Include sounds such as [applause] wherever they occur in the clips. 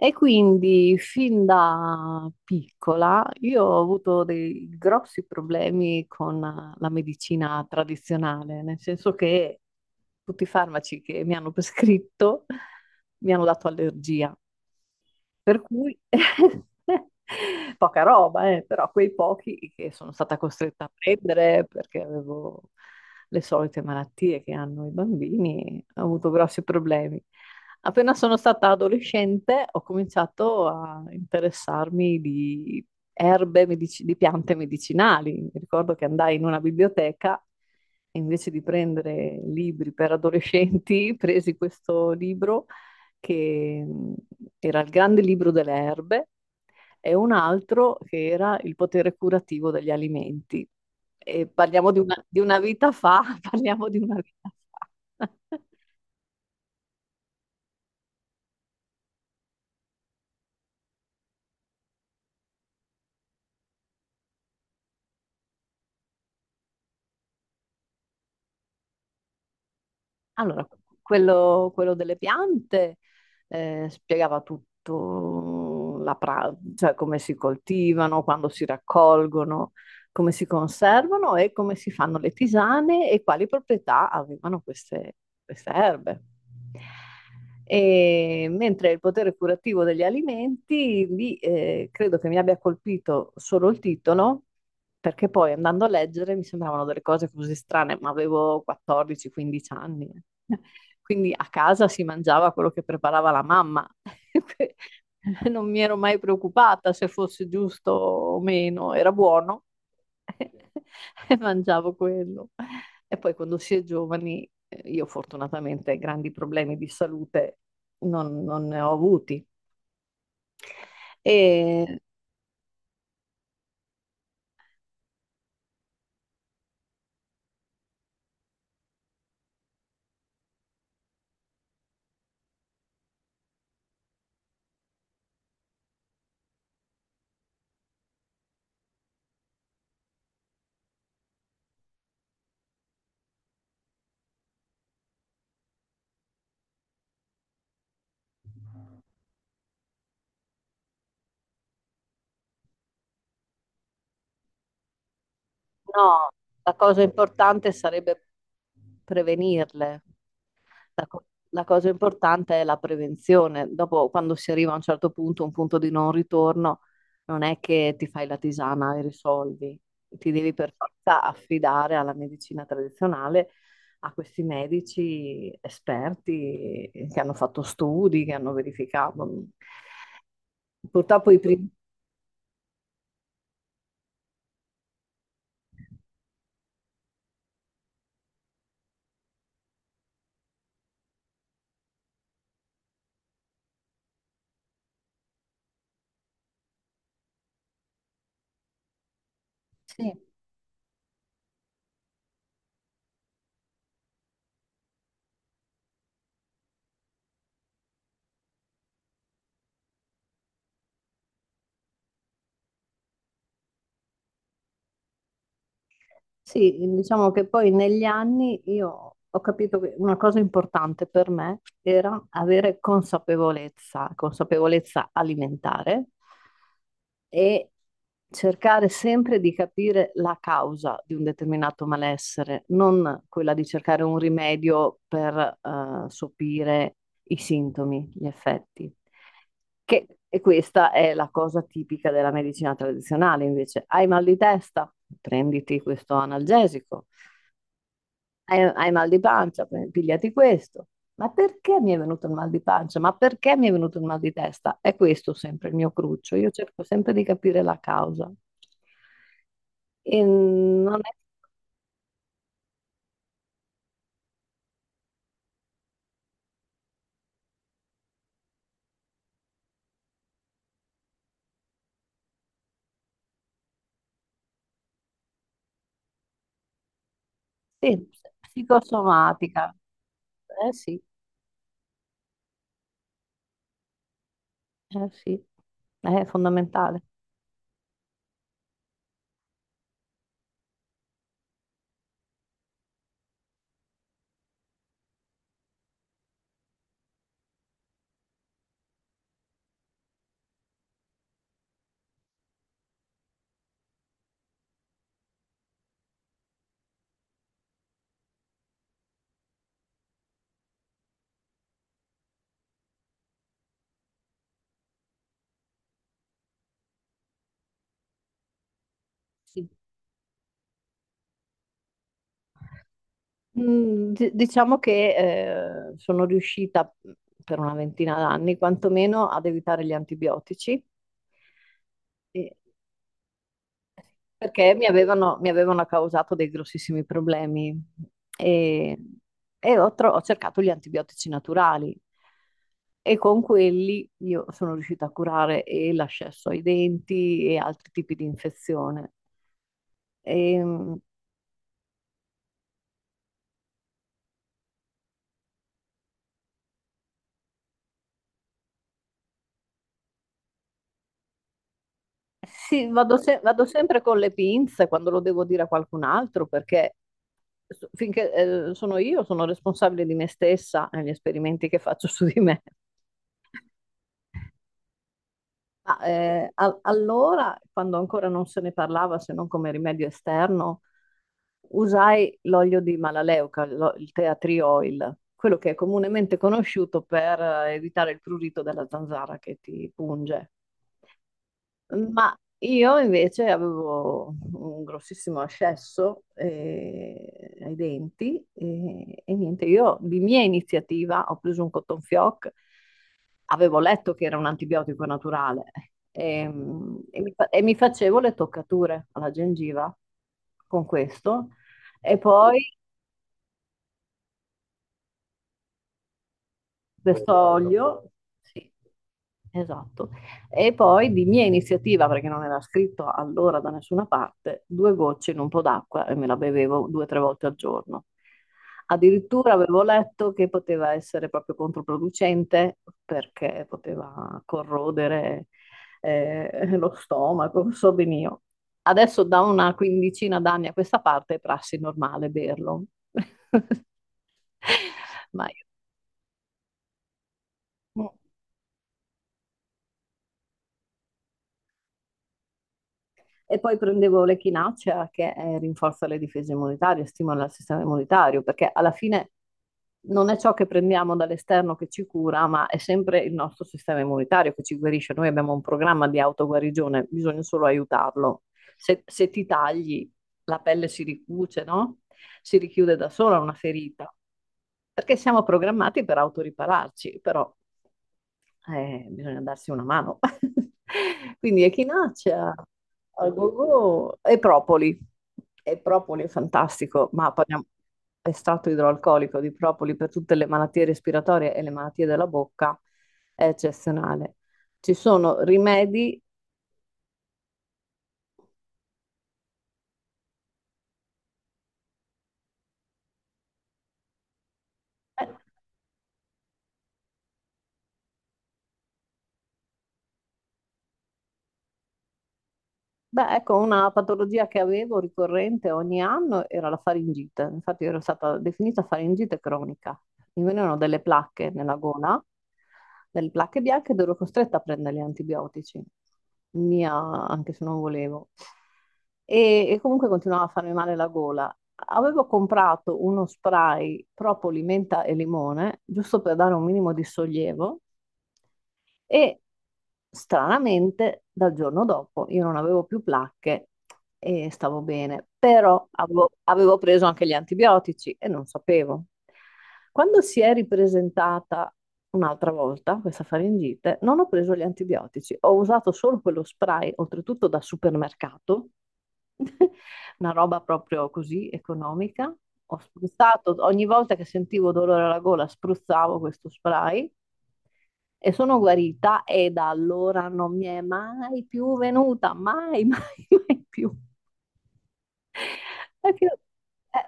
E quindi fin da piccola io ho avuto dei grossi problemi con la medicina tradizionale, nel senso che tutti i farmaci che mi hanno prescritto [laughs] mi hanno dato allergia. Per cui [laughs] poca roba, però quei pochi che sono stata costretta a prendere perché avevo le solite malattie che hanno i bambini, ho avuto grossi problemi. Appena sono stata adolescente ho cominciato a interessarmi di erbe, di piante medicinali. Mi ricordo che andai in una biblioteca e invece di prendere libri per adolescenti, [laughs] presi questo libro che era il Grande Libro delle Erbe e un altro che era Il potere curativo degli alimenti. E parliamo di una vita fa, [laughs] parliamo di una vita fa. [laughs] Allora, quello delle piante spiegava tutto, cioè come si coltivano, quando si raccolgono, come si conservano e come si fanno le tisane e quali proprietà avevano queste erbe. E mentre il potere curativo degli alimenti, lì credo che mi abbia colpito solo il titolo, perché poi andando a leggere mi sembravano delle cose così strane, ma avevo 14-15 anni. [laughs] Quindi a casa si mangiava quello che preparava la mamma. [laughs] Non mi ero mai preoccupata se fosse giusto o meno, era buono. [laughs] E mangiavo quello. E poi quando si è giovani, io fortunatamente grandi problemi di salute non ne ho avuti. E no, la cosa importante sarebbe prevenirle. La cosa importante è la prevenzione. Dopo, quando si arriva a un certo punto, un punto di non ritorno, non è che ti fai la tisana e risolvi. Ti devi per forza affidare alla medicina tradizionale, a questi medici esperti che hanno fatto studi, che hanno verificato. Purtroppo i primi... Sì. Sì, diciamo che poi negli anni io ho capito che una cosa importante per me era avere consapevolezza, consapevolezza alimentare e cercare sempre di capire la causa di un determinato malessere, non quella di cercare un rimedio per sopire i sintomi, gli effetti. E questa è la cosa tipica della medicina tradizionale, invece. Hai mal di testa? Prenditi questo analgesico. Hai mal di pancia? Pigliati questo. Ma perché mi è venuto il mal di pancia? Ma perché mi è venuto il mal di testa? È questo sempre il mio cruccio. Io cerco sempre di capire la causa. E non è. Sì, psicosomatica. Eh sì, eh sì, è fondamentale. Sì. Diciamo che sono riuscita per una ventina d'anni quantomeno ad evitare gli antibiotici eh, perché mi avevano causato dei grossissimi problemi e, ho cercato gli antibiotici naturali e con quelli io sono riuscita a curare e l'ascesso ai denti e altri tipi di infezione. E, Sì, vado, se- vado sempre con le pinze quando lo devo dire a qualcun altro perché finché sono io sono responsabile di me stessa e gli esperimenti che faccio su di me. Ma, allora, quando ancora non se ne parlava se non come rimedio esterno, usai l'olio di Malaleuca, il tea tree oil, quello che è comunemente conosciuto per evitare il prurito della zanzara che ti punge. Ma io invece avevo un grossissimo ascesso ai denti e, niente, io di mia iniziativa ho preso un cotton fioc, avevo letto che era un antibiotico naturale e mi facevo le toccature alla gengiva con questo e poi questo olio, sì, esatto, e poi di mia iniziativa, perché non era scritto allora da nessuna parte, due gocce in un po' d'acqua e me la bevevo due o tre volte al giorno. Addirittura avevo letto che poteva essere proprio controproducente perché poteva corrodere lo stomaco, so ben io. Adesso da una quindicina d'anni a questa parte è prassi normale berlo. [laughs] Ma io... mm, E poi prendevo l'echinacea che rinforza le difese immunitarie, stimola il sistema immunitario, perché alla fine non è ciò che prendiamo dall'esterno che ci cura, ma è sempre il nostro sistema immunitario che ci guarisce. Noi abbiamo un programma di autoguarigione, bisogna solo aiutarlo. Se ti tagli, la pelle si ricuce, no? Si richiude da sola una ferita, perché siamo programmati per autoripararci, però bisogna darsi una mano. [laughs] Quindi echinacea, al go-go e propoli. E propoli è fantastico, ma parliamo estratto idroalcolico di propoli per tutte le malattie respiratorie e le malattie della bocca è eccezionale. Ci sono rimedi, eh, Beh, ecco, una patologia che avevo ricorrente ogni anno era la faringite. Infatti ero stata definita faringite cronica. Mi venivano delle placche nella gola, delle placche bianche ed ero costretta a prendere gli antibiotici. Mia, anche se non volevo. E comunque continuava a farmi male la gola. Avevo comprato uno spray propoli, menta e limone, giusto per dare un minimo di sollievo. E stranamente, dal giorno dopo io non avevo più placche e stavo bene, però avevo preso anche gli antibiotici e non sapevo. Quando si è ripresentata un'altra volta questa faringite, non ho preso gli antibiotici, ho usato solo quello spray, oltretutto da supermercato, [laughs] una roba proprio così economica. Ho spruzzato, ogni volta che sentivo dolore alla gola, spruzzavo questo spray e sono guarita e da allora non mi è mai più venuta, mai, [laughs] mai, mai più. Perché, eh,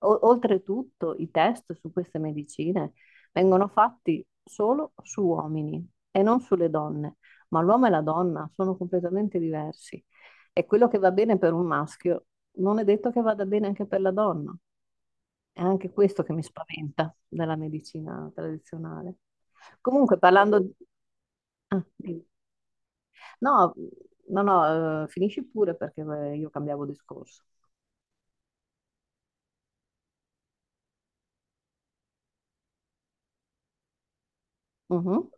oltretutto i test su queste medicine vengono fatti solo su uomini e non sulle donne, ma l'uomo e la donna sono completamente diversi e quello che va bene per un maschio non è detto che vada bene anche per la donna. È anche questo che mi spaventa della medicina tradizionale. Comunque, parlando, ah, dimmi. No, no, no, finisci pure perché io cambiavo discorso. Mhm.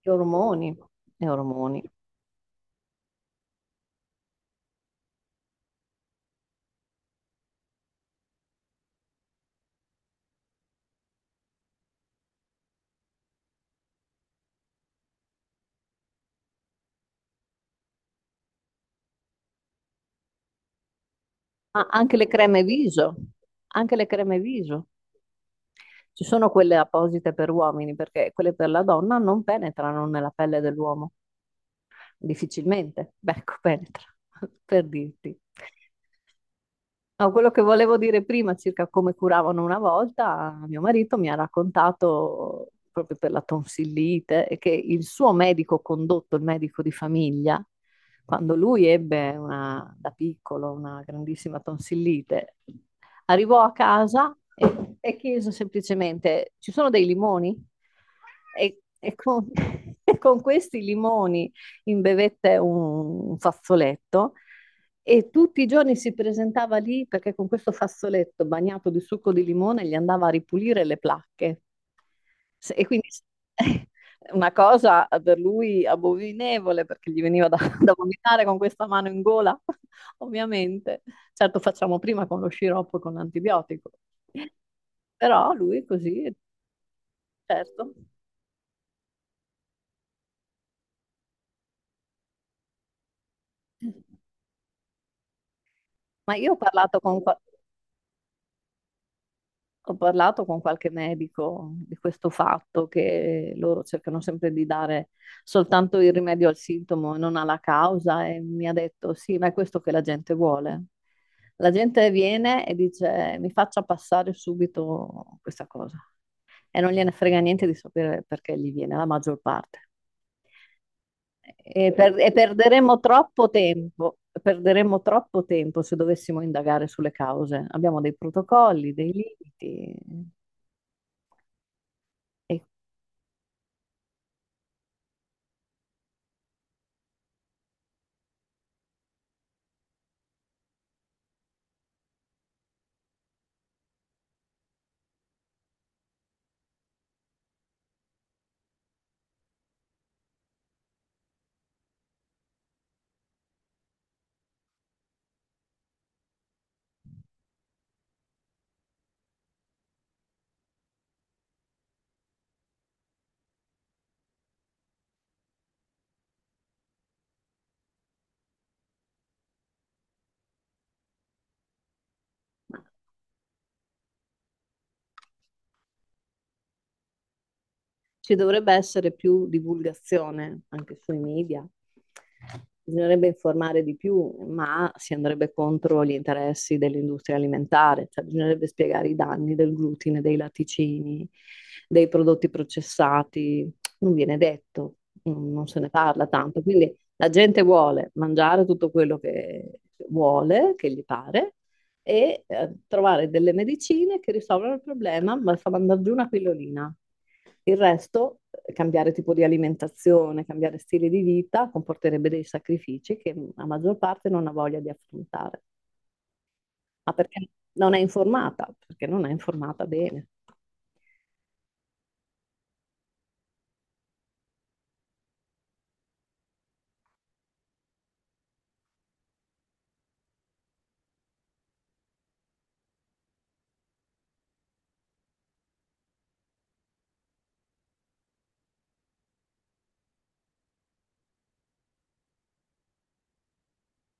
Gli ormoni, gli ormoni. Ah, anche le creme viso, anche le creme viso. Ci sono quelle apposite per uomini perché quelle per la donna non penetrano nella pelle dell'uomo, difficilmente. Beh, ecco, penetra, [laughs] per dirti. No, quello che volevo dire prima circa come curavano una volta, mio marito mi ha raccontato proprio per la tonsillite e che il suo medico condotto, il medico di famiglia, quando lui ebbe da piccolo una grandissima tonsillite, arrivò a casa e chiese semplicemente: ci sono dei limoni? E con, [laughs] e con questi limoni imbevette un fazzoletto. E tutti i giorni si presentava lì perché con questo fazzoletto bagnato di succo di limone gli andava a ripulire le placche. E quindi [laughs] una cosa per lui abominevole perché gli veniva da, [laughs] da vomitare con questa mano in gola ovviamente. Certo, facciamo prima con lo sciroppo e con l'antibiotico, però lui così, certo. Ma io ho parlato con qualche medico di questo fatto, che loro cercano sempre di dare soltanto il rimedio al sintomo e non alla causa, e mi ha detto: sì, ma è questo che la gente vuole. La gente viene e dice: mi faccia passare subito questa cosa. E non gliene frega niente di sapere perché gli viene la maggior parte. E perderemo troppo tempo se dovessimo indagare sulle cause. Abbiamo dei protocolli, dei limiti. E Ci dovrebbe essere più divulgazione anche sui media. Bisognerebbe informare di più, ma si andrebbe contro gli interessi dell'industria alimentare, cioè bisognerebbe spiegare i danni del glutine, dei latticini, dei prodotti processati. Non viene detto, non se ne parla tanto. Quindi la gente vuole mangiare tutto quello che vuole, che gli pare, e trovare delle medicine che risolvono il problema, ma fa mandare giù una pillolina. Il resto, cambiare tipo di alimentazione, cambiare stile di vita, comporterebbe dei sacrifici che la maggior parte non ha voglia di affrontare, ma perché non è informata bene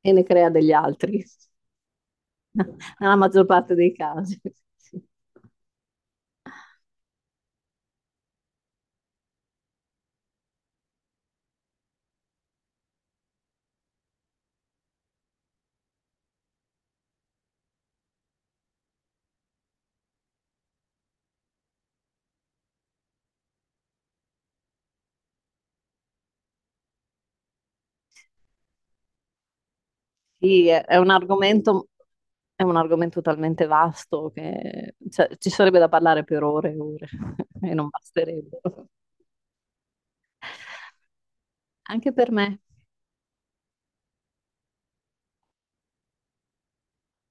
e ne crea degli altri, [laughs] nella maggior parte dei casi. Sì, è un argomento, talmente vasto che cioè, ci sarebbe da parlare per ore e ore [laughs] e non basterebbero. Anche per me.